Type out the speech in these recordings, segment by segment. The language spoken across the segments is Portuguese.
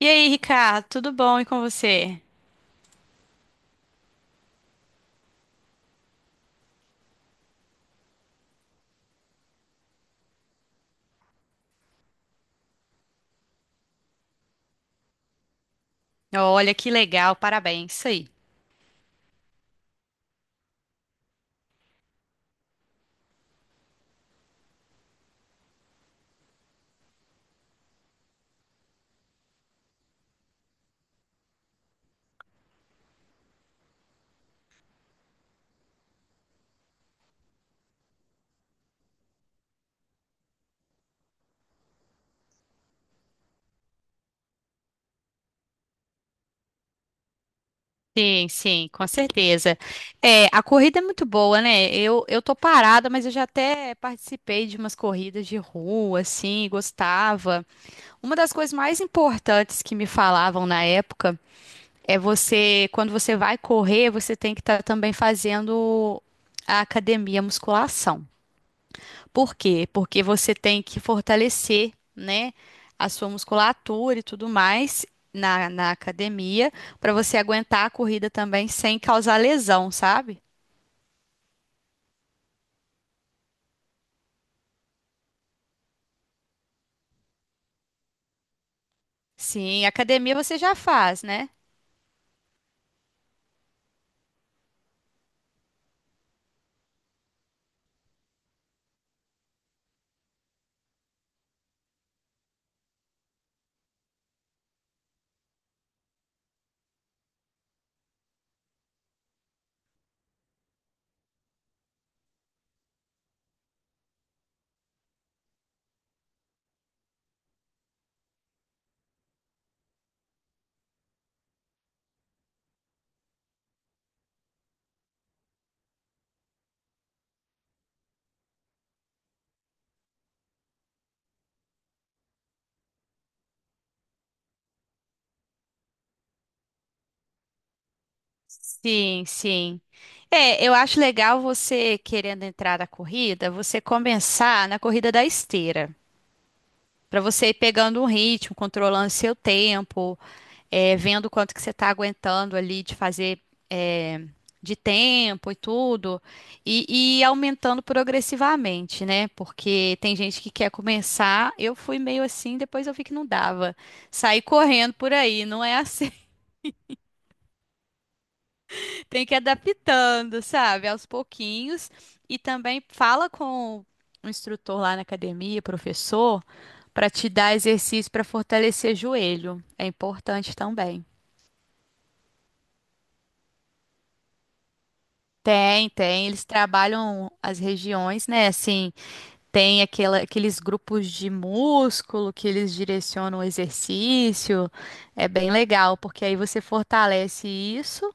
E aí, Ricardo, tudo bom e com você? Olha que legal, parabéns, isso aí. Sim, sim, com certeza. É, a corrida é muito boa, né? Eu tô parada, mas eu já até participei de umas corridas de rua, assim, gostava. Uma das coisas mais importantes que me falavam na época é você, quando você vai correr, você tem que estar também fazendo a academia, a musculação. Por quê? Porque você tem que fortalecer, né, a sua musculatura e tudo mais na academia para você aguentar a corrida também sem causar lesão, sabe? Sim, academia você já faz, né? Sim, sim. É, eu acho legal você querendo entrar na corrida, você começar na corrida da esteira. Para você ir pegando um ritmo, controlando seu tempo, vendo quanto que você está aguentando ali de fazer é, de tempo e tudo, e, aumentando progressivamente, né? Porque tem gente que quer começar, eu fui meio assim, depois eu vi que não dava. Saí correndo por aí, não é assim. Tem que ir adaptando, sabe? Aos pouquinhos. E também fala com o instrutor lá na academia, professor, para te dar exercício para fortalecer joelho. É importante também. Tem, tem. Eles trabalham as regiões, né? Assim. Tem aqueles grupos de músculo que eles direcionam o exercício. É bem legal, porque aí você fortalece isso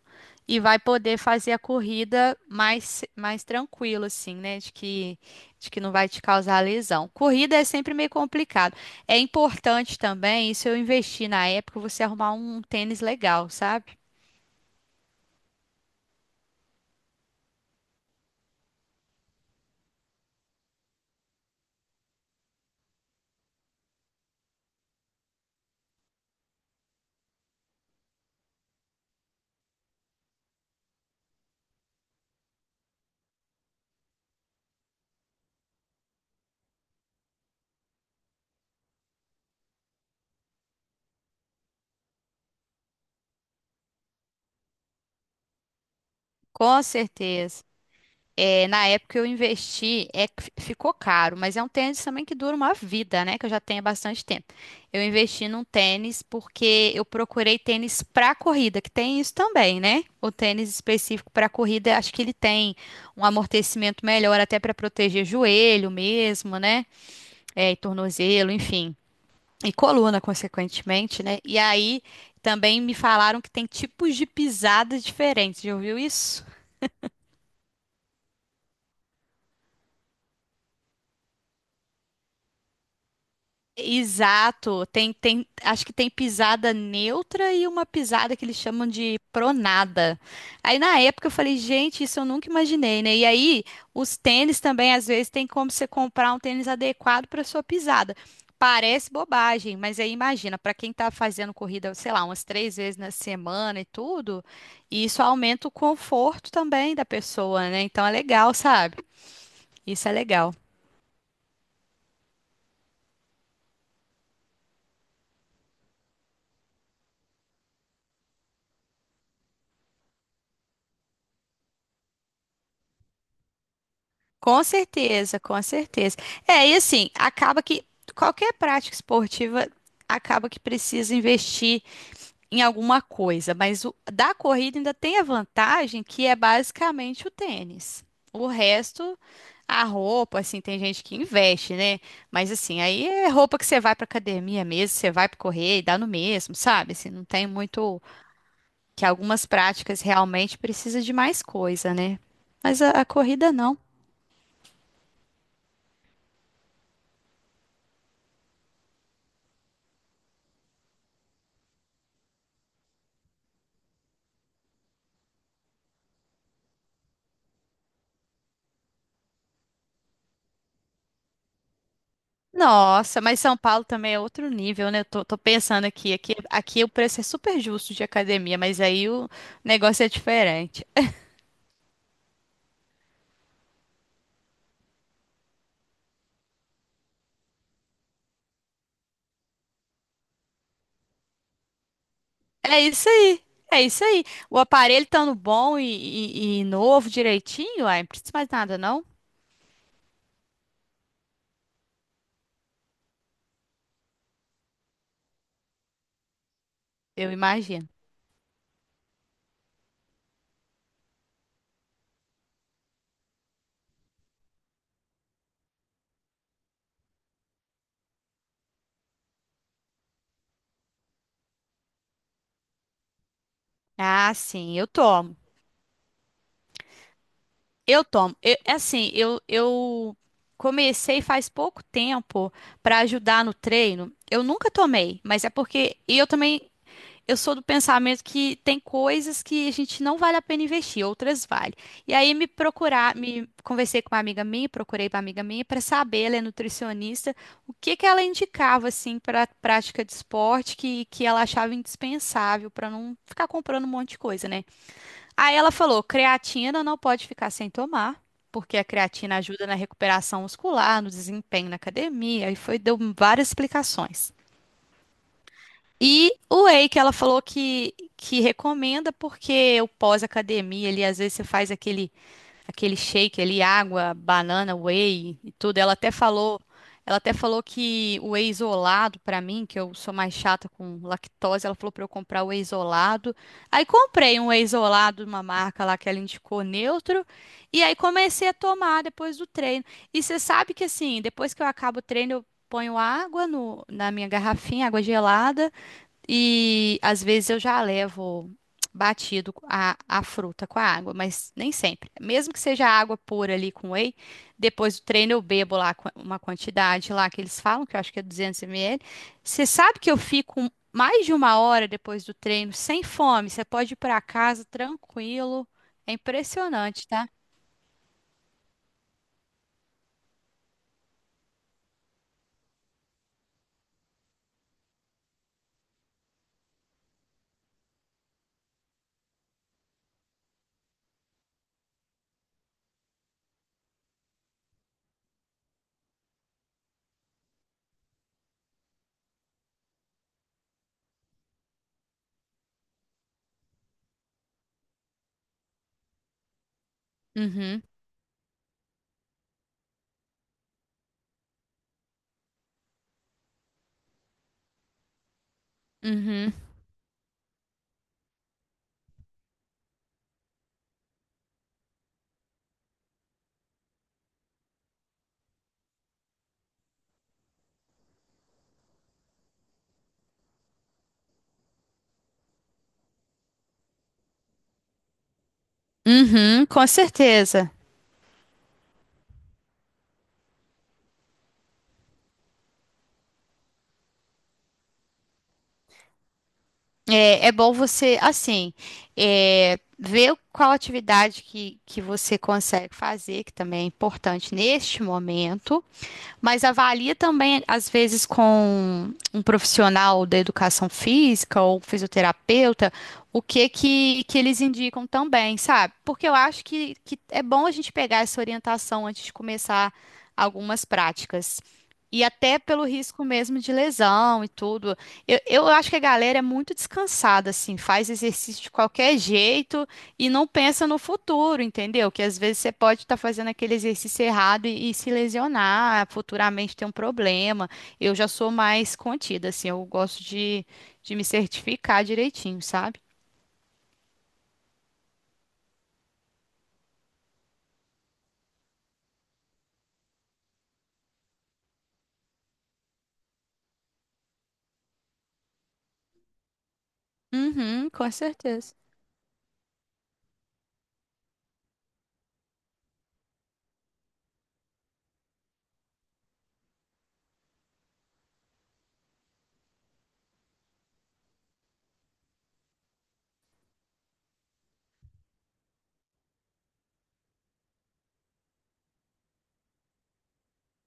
e vai poder fazer a corrida mais, mais tranquilo, assim, né? De que não vai te causar lesão. Corrida é sempre meio complicado. É importante também, isso eu investi na época, você arrumar um tênis legal, sabe? Com certeza. É, na época eu investi, é, que ficou caro, mas é um tênis também que dura uma vida, né? Que eu já tenho há bastante tempo. Eu investi num tênis porque eu procurei tênis para corrida, que tem isso também, né? O tênis específico para corrida, acho que ele tem um amortecimento melhor até para proteger joelho mesmo, né? É, e tornozelo, enfim. E coluna, consequentemente, né? E aí também me falaram que tem tipos de pisadas diferentes. Já ouviu isso? Exato, tem, tem, acho que tem pisada neutra e uma pisada que eles chamam de pronada. Aí na época eu falei, gente, isso eu nunca imaginei, né? E aí os tênis também, às vezes, tem como você comprar um tênis adequado para sua pisada. Parece bobagem, mas aí imagina, para quem tá fazendo corrida, sei lá, umas três vezes na semana e tudo, isso aumenta o conforto também da pessoa, né? Então é legal, sabe? Isso é legal. Com certeza, com certeza. É, e assim, acaba que qualquer prática esportiva acaba que precisa investir em alguma coisa, mas o, da corrida ainda tem a vantagem que é basicamente o tênis. O resto, a roupa, assim, tem gente que investe, né? Mas assim, aí é roupa que você vai pra academia mesmo, você vai pra correr e dá no mesmo, sabe? Assim, não tem muito que algumas práticas realmente precisa de mais coisa, né? Mas a corrida não. Nossa, mas São Paulo também é outro nível, né? Eu tô, tô pensando aqui o preço é super justo de academia, mas aí o negócio é diferente. É isso aí, é isso aí. O aparelho estando bom e, e novo direitinho, aí não precisa mais nada, não? Eu imagino. Ah, sim, eu tomo. Eu tomo. É assim, eu comecei faz pouco tempo para ajudar no treino. Eu nunca tomei, mas é porque. E eu também. Eu sou do pensamento que tem coisas que a gente não vale a pena investir, outras vale. E aí me conversei com uma amiga minha, procurei uma amiga minha para saber, ela é nutricionista, o que que ela indicava assim para prática de esporte que ela achava indispensável para não ficar comprando um monte de coisa, né? Aí ela falou, creatina não pode ficar sem tomar. Porque a creatina ajuda na recuperação muscular, no desempenho na academia, e foi, deu várias explicações. E o whey que ela falou que recomenda porque o pós-academia ali, às vezes você faz aquele, aquele shake ali, água, banana, whey e tudo. Ela até falou que o whey isolado pra mim, que eu sou mais chata com lactose, ela falou pra eu comprar o whey isolado. Aí comprei um whey isolado de uma marca lá que ela indicou neutro, e aí comecei a tomar depois do treino. E você sabe que assim, depois que eu acabo o treino, eu ponho água no, na minha garrafinha, água gelada. E às vezes eu já levo batido a fruta com a água, mas nem sempre. Mesmo que seja água pura ali com whey, depois do treino eu bebo lá uma quantidade lá que eles falam, que eu acho que é 200 ml. Você sabe que eu fico mais de uma hora depois do treino sem fome. Você pode ir para casa tranquilo. É impressionante, tá? Uhum, uhum, uhum, com certeza. É, é bom você, assim, é, ver qual atividade que você consegue fazer, que também é importante neste momento mas avalia também, às vezes, com um profissional da educação física ou fisioterapeuta, que eles indicam também, sabe? Porque eu acho que é bom a gente pegar essa orientação antes de começar algumas práticas. E até pelo risco mesmo de lesão e tudo. Eu acho que a galera é muito descansada, assim, faz exercício de qualquer jeito e não pensa no futuro, entendeu? Que às vezes você pode estar fazendo aquele exercício errado e se lesionar, futuramente ter um problema. Eu já sou mais contida, assim, eu gosto de me certificar direitinho, sabe? Uhum, com certeza.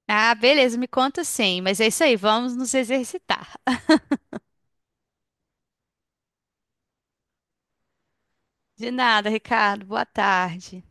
Ah, beleza, me conta sim, mas é isso aí, vamos nos exercitar. De nada, Ricardo, boa tarde.